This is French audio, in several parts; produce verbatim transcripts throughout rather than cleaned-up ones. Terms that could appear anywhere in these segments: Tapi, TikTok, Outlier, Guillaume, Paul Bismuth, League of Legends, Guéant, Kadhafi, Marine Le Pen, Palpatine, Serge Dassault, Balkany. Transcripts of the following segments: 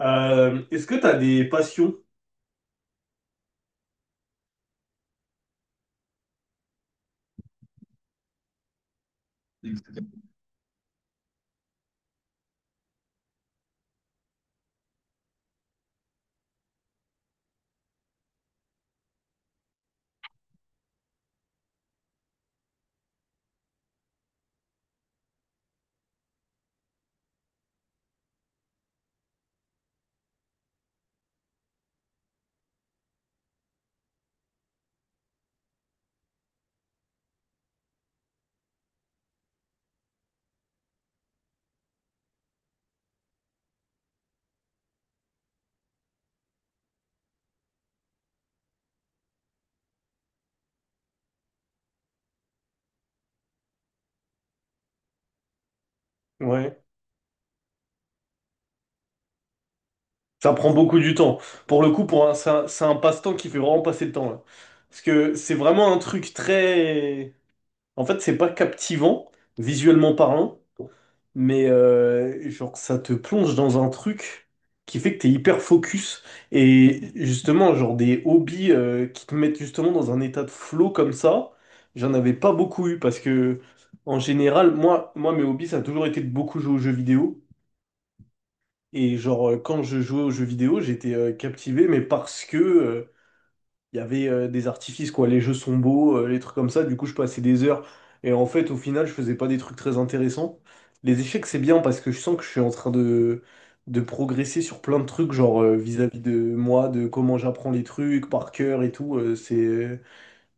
Euh, est-ce que tu as des passions? Ouais. Ça prend beaucoup du temps. Pour le coup, pour un, c'est un, c'est un passe-temps qui fait vraiment passer le temps, là. Parce que c'est vraiment un truc très... En fait, c'est pas captivant, visuellement parlant, mais euh, genre, ça te plonge dans un truc qui fait que t'es hyper focus. Et justement, genre des hobbies euh, qui te mettent justement dans un état de flow comme ça, j'en avais pas beaucoup eu parce que, en général, moi, moi mes hobbies, ça a toujours été de beaucoup jouer aux jeux vidéo. Et genre, euh, quand je jouais aux jeux vidéo, j'étais euh, captivé, mais parce que euh, il y avait euh, des artifices, quoi. Les jeux sont beaux, euh, les trucs comme ça. Du coup, je passais des heures. Et en fait, au final, je faisais pas des trucs très intéressants. Les échecs, c'est bien parce que je sens que je suis en train de, de progresser sur plein de trucs, genre euh, vis-à-vis de moi, de comment j'apprends les trucs par cœur et tout. Euh, c'est euh,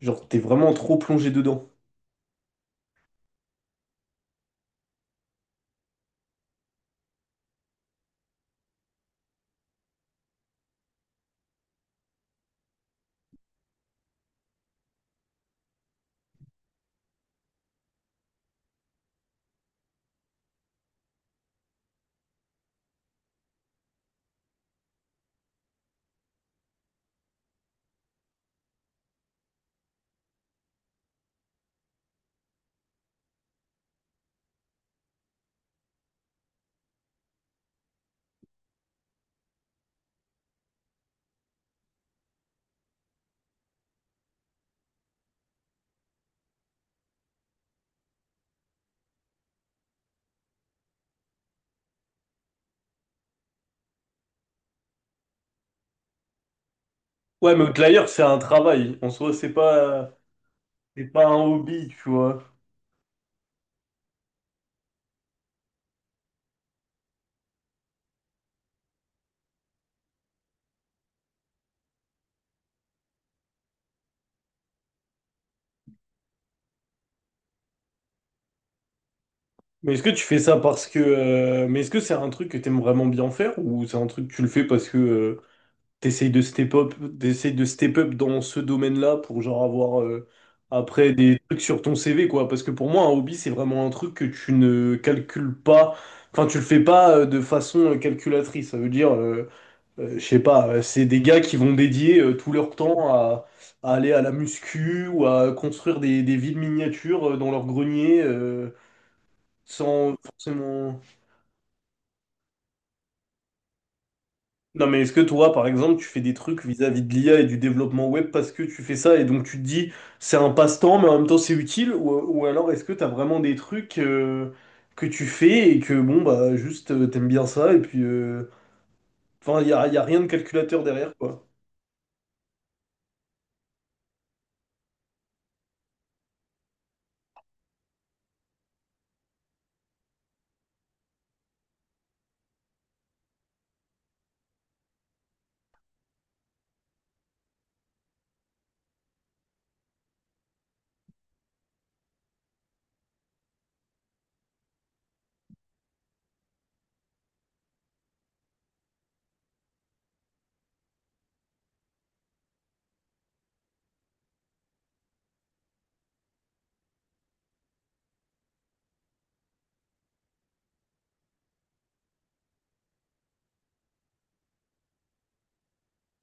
genre, t'es vraiment trop plongé dedans. Ouais, mais Outlier, c'est un travail. En soi, c'est pas, c'est pas un hobby, tu vois. Mais est-ce que tu fais ça parce que... euh, mais est-ce que c'est un truc que t'aimes vraiment bien faire ou c'est un truc que tu le fais parce que euh, t'essayes de step up, t'essayes de step up dans ce domaine-là pour genre avoir euh, après des trucs sur ton C V quoi? Parce que pour moi un hobby c'est vraiment un truc que tu ne calcules pas, enfin tu le fais pas euh, de façon euh, calculatrice. Ça veut dire, euh, euh, je sais pas, euh, c'est des gars qui vont dédier euh, tout leur temps à, à aller à la muscu ou à construire des, des villes miniatures euh, dans leur grenier euh, sans forcément... Non, mais est-ce que toi, par exemple, tu fais des trucs vis-à-vis de l'I A et du développement web parce que tu fais ça et donc tu te dis c'est un passe-temps mais en même temps c'est utile ou, ou alors est-ce que t'as vraiment des trucs euh, que tu fais et que bon bah juste euh, t'aimes bien ça et puis euh, enfin il y a, y a rien de calculateur derrière quoi.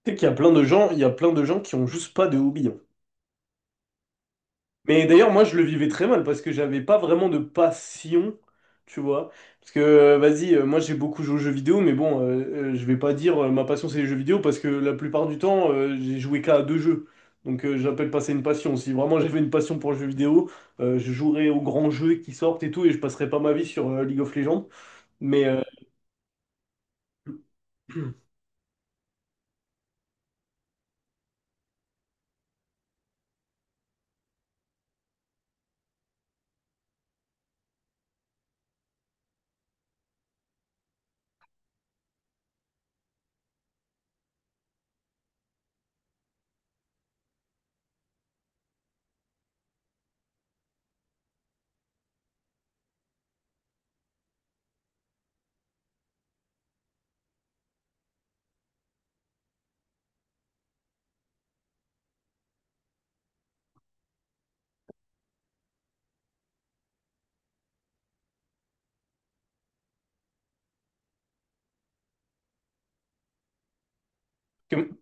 Tu sais qu'il y a plein de gens, il y a plein de gens qui ont juste pas de hobby, hein. Mais d'ailleurs, moi, je le vivais très mal parce que j'avais pas vraiment de passion, tu vois. Parce que, euh, vas-y, euh, moi, j'ai beaucoup joué aux jeux vidéo, mais bon, euh, euh, je vais pas dire euh, ma passion, c'est les jeux vidéo parce que la plupart du temps, euh, j'ai joué qu'à deux jeux. Donc, euh, j'appelle pas ça une passion. Si vraiment j'avais une passion pour le jeu vidéo, euh, je jouerais aux grands jeux qui sortent et tout, et je passerais pas ma vie sur euh, League of Legends. Mais euh, que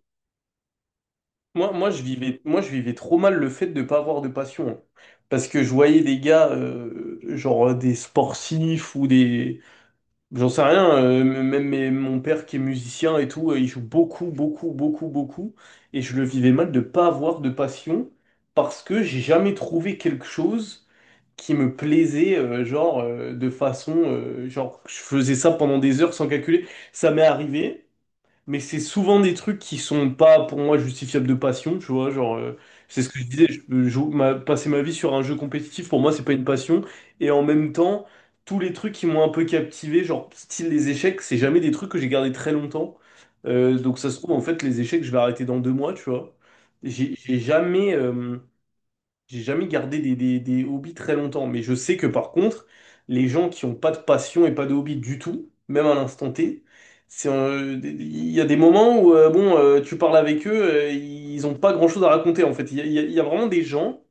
moi, moi, je vivais, moi, je vivais trop mal le fait de ne pas avoir de passion, hein. Parce que je voyais des gars, euh, genre euh, des sportifs ou des, j'en sais rien, euh, même mes- mon père qui est musicien et tout, euh, il joue beaucoup, beaucoup, beaucoup, beaucoup. Et je le vivais mal de pas avoir de passion parce que j'ai jamais trouvé quelque chose qui me plaisait, euh, genre, euh, de façon, euh, genre, je faisais ça pendant des heures sans calculer. Ça m'est arrivé mais c'est souvent des trucs qui sont pas pour moi justifiables de passion, tu vois, genre euh, c'est ce que je disais, je peux jou- ma- passer ma vie sur un jeu compétitif, pour moi c'est pas une passion, et en même temps tous les trucs qui m'ont un peu captivé, genre style les échecs, c'est jamais des trucs que j'ai gardé très longtemps. Euh, donc ça se trouve en fait les échecs je vais arrêter dans deux mois, tu vois. J'ai j'ai jamais euh, j'ai jamais gardé des, des- des hobbies très longtemps, mais je sais que par contre, les gens qui ont pas de passion et pas de hobby du tout, même à l'instant T, c'est, euh, des- il y a des moments où euh, bon, euh, tu parles avec eux, euh, ils ont pas grand-chose à raconter en fait. Il y a, il y a- il y a vraiment des gens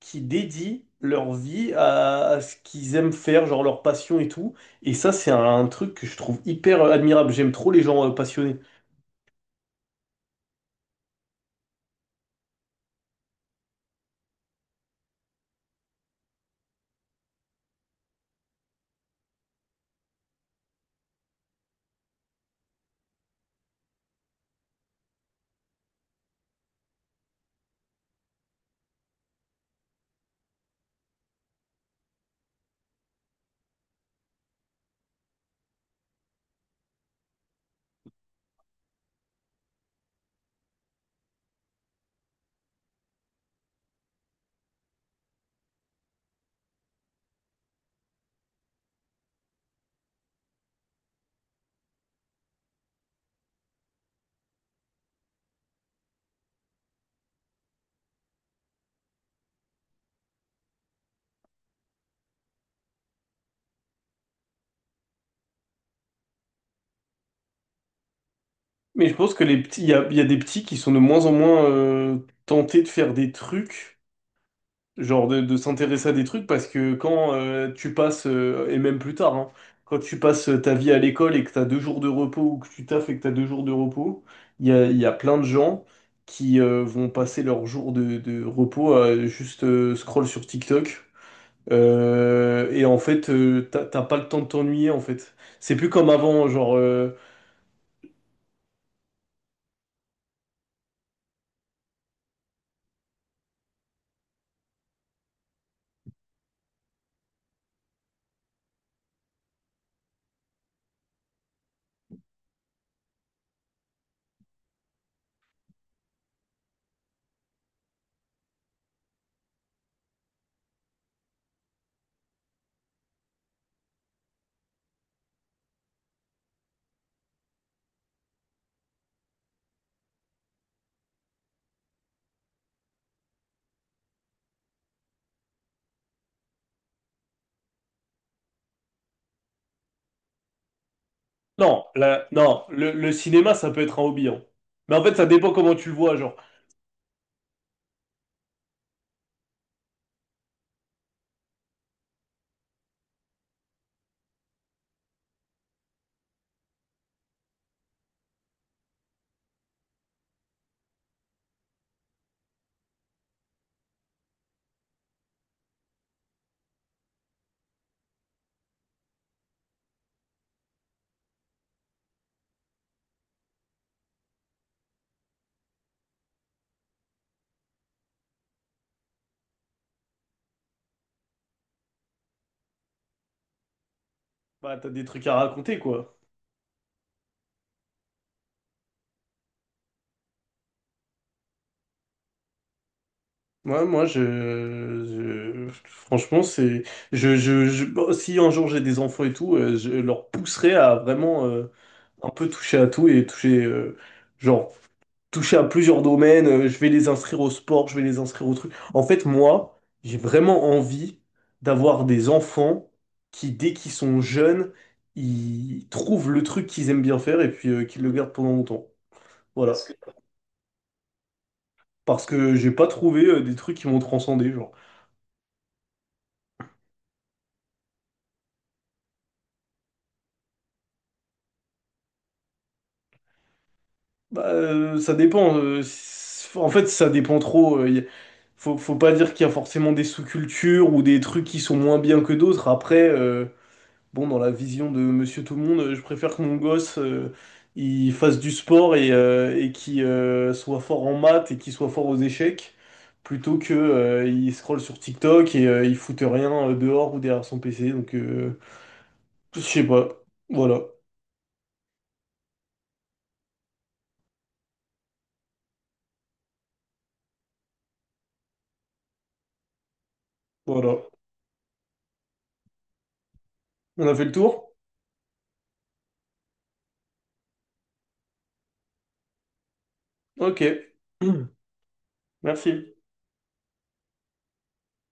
qui dédient leur vie à, à ce qu'ils aiment faire, genre leur passion et tout. Et ça, c'est un truc que je trouve hyper euh, admirable. J'aime trop les gens euh, passionnés. Mais je pense que les petits, il y a, il y a des petits qui sont de moins en moins euh, tentés de faire des trucs, genre de, de s'intéresser à des trucs parce que quand euh, tu passes, euh, et même plus tard, hein, quand tu passes euh, ta vie à l'école et que tu as deux jours de repos ou que tu taffes et que tu as deux jours de repos, il y a, il y a plein de gens qui euh, vont passer leurs jours de, de repos à juste euh, scroll sur TikTok. Euh, et en fait, euh, t'as t'as pas le temps de t'ennuyer en fait. C'est plus comme avant, genre... euh, Non, la- non le, le cinéma, ça peut être un hobby, hein. Mais en fait, ça dépend comment tu le vois, genre. Bah, t'as des trucs à raconter, quoi. Moi, moi, je, je- franchement, c'est, je, je, je- bon, si un jour j'ai des enfants et tout, euh, je leur pousserai à vraiment euh, un peu toucher à tout et toucher, euh, genre, toucher à plusieurs domaines. Euh, je vais les inscrire au sport, je vais les inscrire au truc. En fait, moi, j'ai vraiment envie d'avoir des enfants qui, dès qu'ils sont jeunes, ils trouvent le truc qu'ils aiment bien faire et puis euh, qu'ils le gardent pendant longtemps. Voilà. Parce que j'ai pas trouvé euh, des trucs qui m'ont transcendé, genre. Bah, euh, ça dépend. Euh, s- en fait, ça dépend trop. Euh, y- faut, faut pas dire qu'il y a forcément des sous-cultures ou des trucs qui sont moins bien que d'autres. Après, euh, bon, dans la vision de Monsieur Tout-le-Monde, euh, je préfère que mon gosse euh, il fasse du sport et, euh, et qu'il euh, soit fort en maths et qu'il soit fort aux échecs, plutôt que euh, il scrolle sur TikTok et euh, il foute rien euh, dehors ou derrière son P C. Donc, euh, je sais pas. Voilà. Voilà. On a fait le tour? Ok. Merci.